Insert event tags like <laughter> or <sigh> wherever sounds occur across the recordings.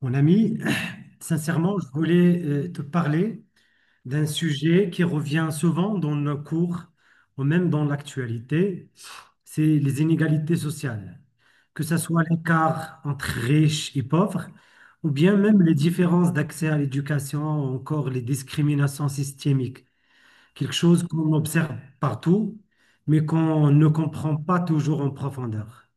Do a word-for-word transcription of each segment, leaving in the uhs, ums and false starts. Mon ami, sincèrement, je voulais euh, te parler d'un sujet qui revient souvent dans nos cours ou même dans l'actualité. C'est les inégalités sociales, que ce soit l'écart entre riches et pauvres, ou bien même les différences d'accès à l'éducation, ou encore les discriminations systémiques, quelque chose qu'on observe partout, mais qu'on ne comprend pas toujours en profondeur.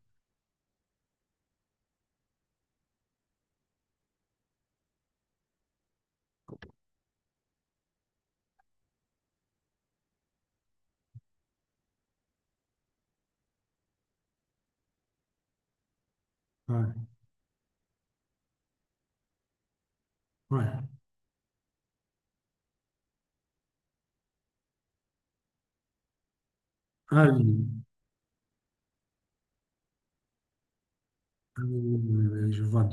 Ouais, ouais. Ah oui, ah oui, oui, oui, oui, oui, je vois.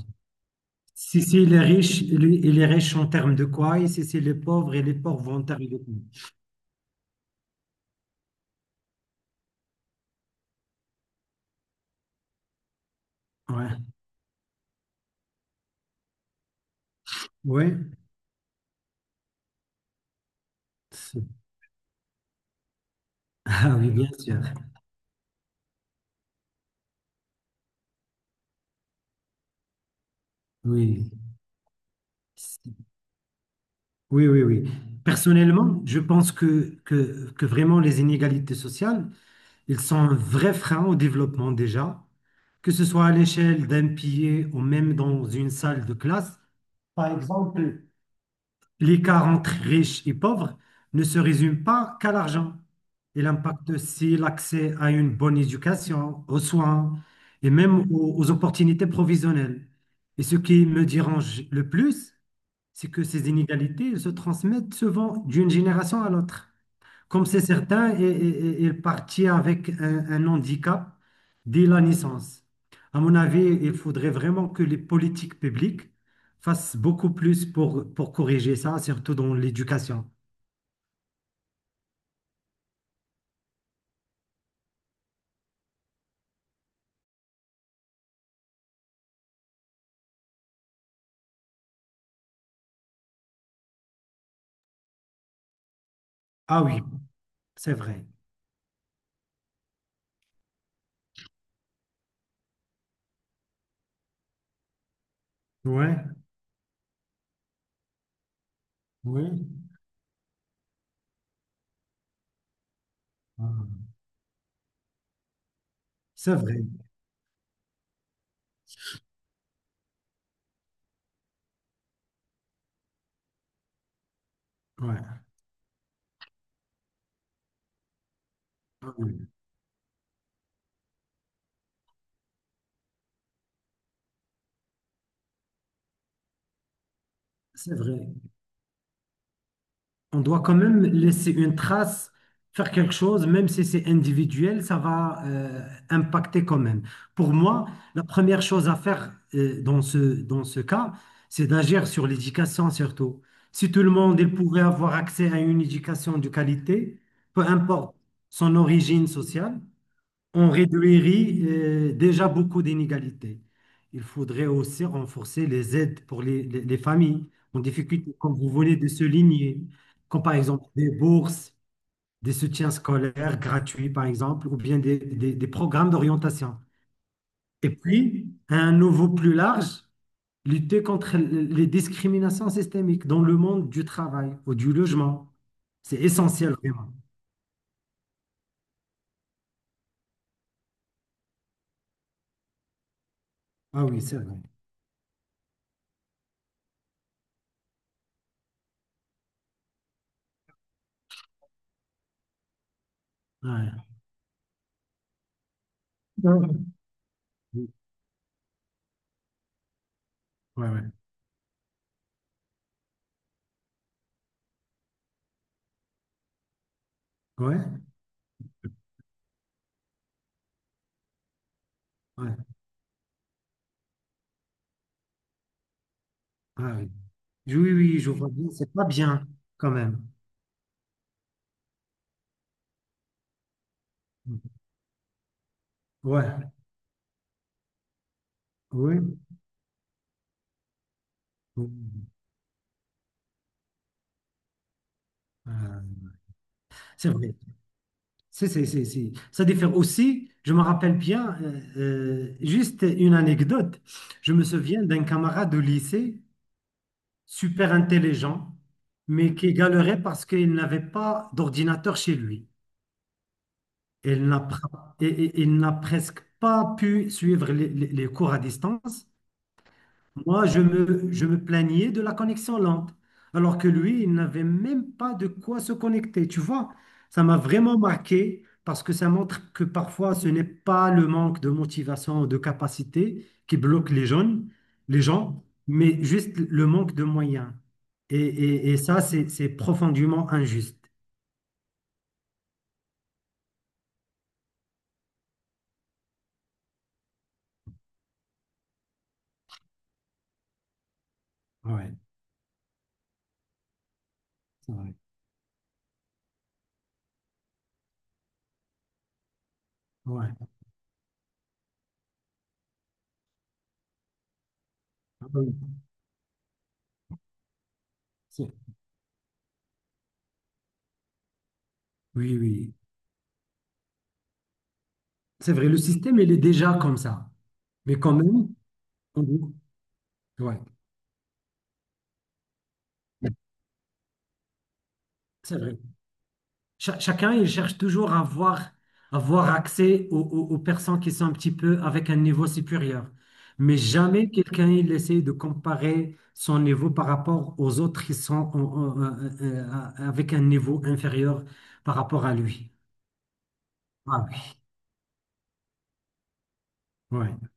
Si c'est les riches, et les et les riches en termes de quoi? Et si c'est les pauvres, et les pauvres en termes de quoi? Ouais. Ouais. C'est- <laughs> Ah oui, bien sûr. Oui. C'est- Oui, oui, oui. Personnellement, je pense que, que, que vraiment les inégalités sociales, ils sont un vrai frein au développement déjà, que ce soit à l'échelle d'un pays ou même dans une salle de classe. Par exemple, l'écart entre riches et pauvres ne se résume pas qu'à l'argent. Il impacte aussi l'accès à une bonne éducation, aux soins et même aux, aux opportunités provisionnelles. Et ce qui me dérange le plus, c'est que ces inégalités se transmettent souvent d'une génération à l'autre. Comme c'est certain, et- et- et- il partit avec un, un handicap dès la naissance. À mon avis, il faudrait vraiment que les politiques publiques fassent beaucoup plus pour, pour corriger ça, surtout dans l'éducation. Ah oui, c'est vrai. Ouais, oui. Ah, c'est vrai. Ouais. Ah oui, c'est vrai. On doit quand même laisser une trace, faire quelque chose, même si c'est individuel, ça va euh, impacter quand même. Pour moi, la première chose à faire euh, dans ce, dans ce cas, c'est d'agir sur l'éducation surtout. Si tout le monde il pourrait avoir accès à une éducation de qualité, peu importe son origine sociale, on réduirait euh, déjà beaucoup d'inégalités. Il faudrait aussi renforcer les aides pour les, les- les familles en difficulté, comme vous venez de souligner, comme par exemple des bourses, des soutiens scolaires gratuits, par exemple, ou bien des, des- des programmes d'orientation. Et puis, à un niveau plus large, lutter contre les discriminations systémiques dans le monde du travail ou du logement. C'est essentiel, vraiment. Ah oui, c'est vrai. Ouais. Ouais, ouais. Ouais, ouais. Ouais. Ah oui. Oui, oui, oui, je vois bien, c'est pas bien quand même. Ouais, oui. Oui. Euh, c'est vrai. C'est, c'est, c'est, c'est- Ça diffère aussi, je me rappelle bien, euh, euh, juste une anecdote. Je me souviens d'un camarade de lycée, super intelligent, mais qui galérait parce qu'il n'avait pas d'ordinateur chez lui. Il n'a, pr- et- et- Il n'a presque pas pu suivre les les- les cours à distance. Moi, je me, je me plaignais de la connexion lente, alors que lui, il n'avait même pas de quoi se connecter. Tu vois, ça m'a vraiment marqué parce que ça montre que parfois, ce n'est pas le manque de motivation ou de capacité qui bloque les jeunes, les gens, mais juste le manque de moyens. Et, et- et ça, c'est, c'est profondément injuste. Ouais, c'est vrai. Ouais. Ah oui, c'est- oui. Oui. C'est vrai, le système, il est déjà comme ça. Mais quand même, on... ouais, c'est vrai. Cha- chacun, il cherche toujours à avoir, avoir accès aux, aux- aux personnes qui sont un petit peu avec un niveau supérieur. Mais jamais quelqu'un, il essaie de comparer son niveau par rapport aux autres qui sont en- en- euh, euh, euh, avec un niveau inférieur par rapport à lui. Ah oui, ouais,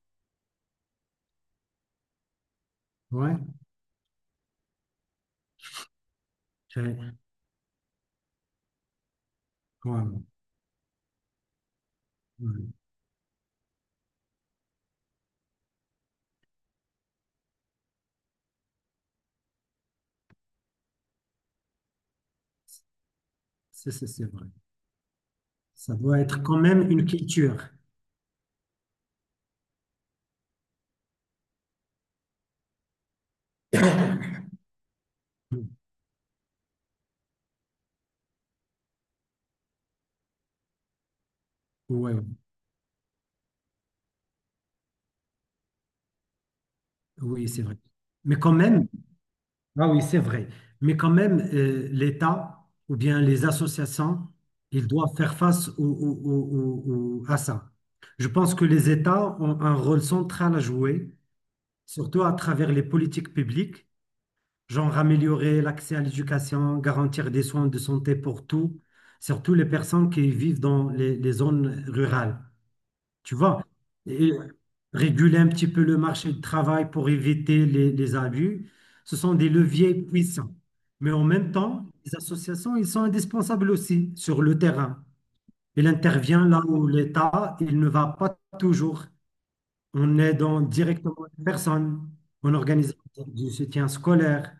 ouais, ouais, ouais, ouais. C'est c'est- c'est vrai. Ça doit être quand même une culture. Ouais, oui, c'est vrai. Mais quand même, ah oui, c'est vrai. Mais quand même, euh, l'État ou bien les associations, ils doivent faire face au- au- au- au- au- à ça. Je pense que les États ont un rôle central à jouer, surtout à travers les politiques publiques, genre améliorer l'accès à l'éducation, garantir des soins de santé pour tous, surtout les personnes qui vivent dans les les zones rurales. Tu vois, et réguler un petit peu le marché du travail pour éviter les, les abus, ce sont des leviers puissants. Mais en même temps, les associations, ils sont indispensables aussi sur le terrain. Il intervient là où l'État, il ne va pas toujours. On aide en directement les personnes, on organise du soutien scolaire.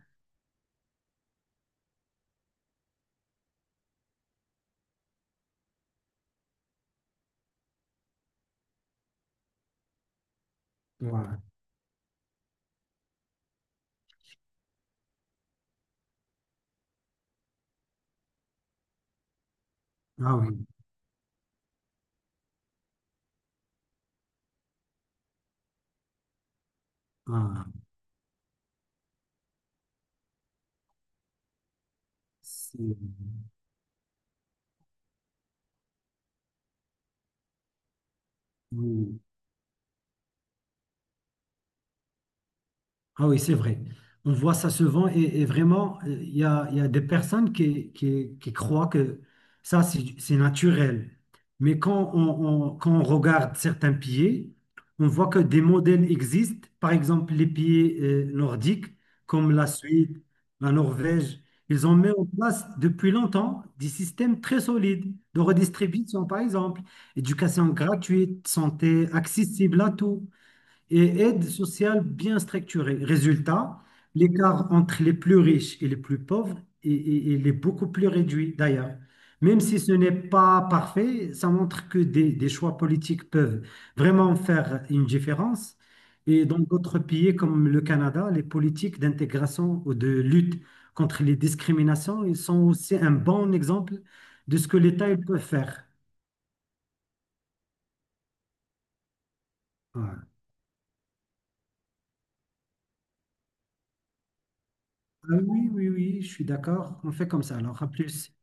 Ouais. Ah oui, ah, c'est- oui. Ah oui, c'est vrai. On voit ça souvent et, et vraiment, euh, il y a, il y a des personnes qui, qui, qui croient que ça, c'est c'est naturel. Mais quand on, on- quand on regarde certains pieds, on voit que des modèles existent. Par exemple, les pieds euh, nordiques, comme la Suède, la Norvège, ils ont mis en place depuis longtemps des systèmes très solides de redistribution, par exemple, éducation gratuite, santé accessible à tous et aide sociale bien structurée. Résultat, l'écart entre les plus riches et les plus pauvres, i- i- il est beaucoup plus réduit d'ailleurs. Même si ce n'est pas parfait, ça montre que des, des choix politiques peuvent vraiment faire une différence. Et dans d'autres pays comme le Canada, les politiques d'intégration ou de lutte contre les discriminations, ils sont aussi un bon exemple de ce que l'État il peut faire. Ouais. Ah oui, oui, oui, je suis d'accord. On fait comme ça. Alors, à plus.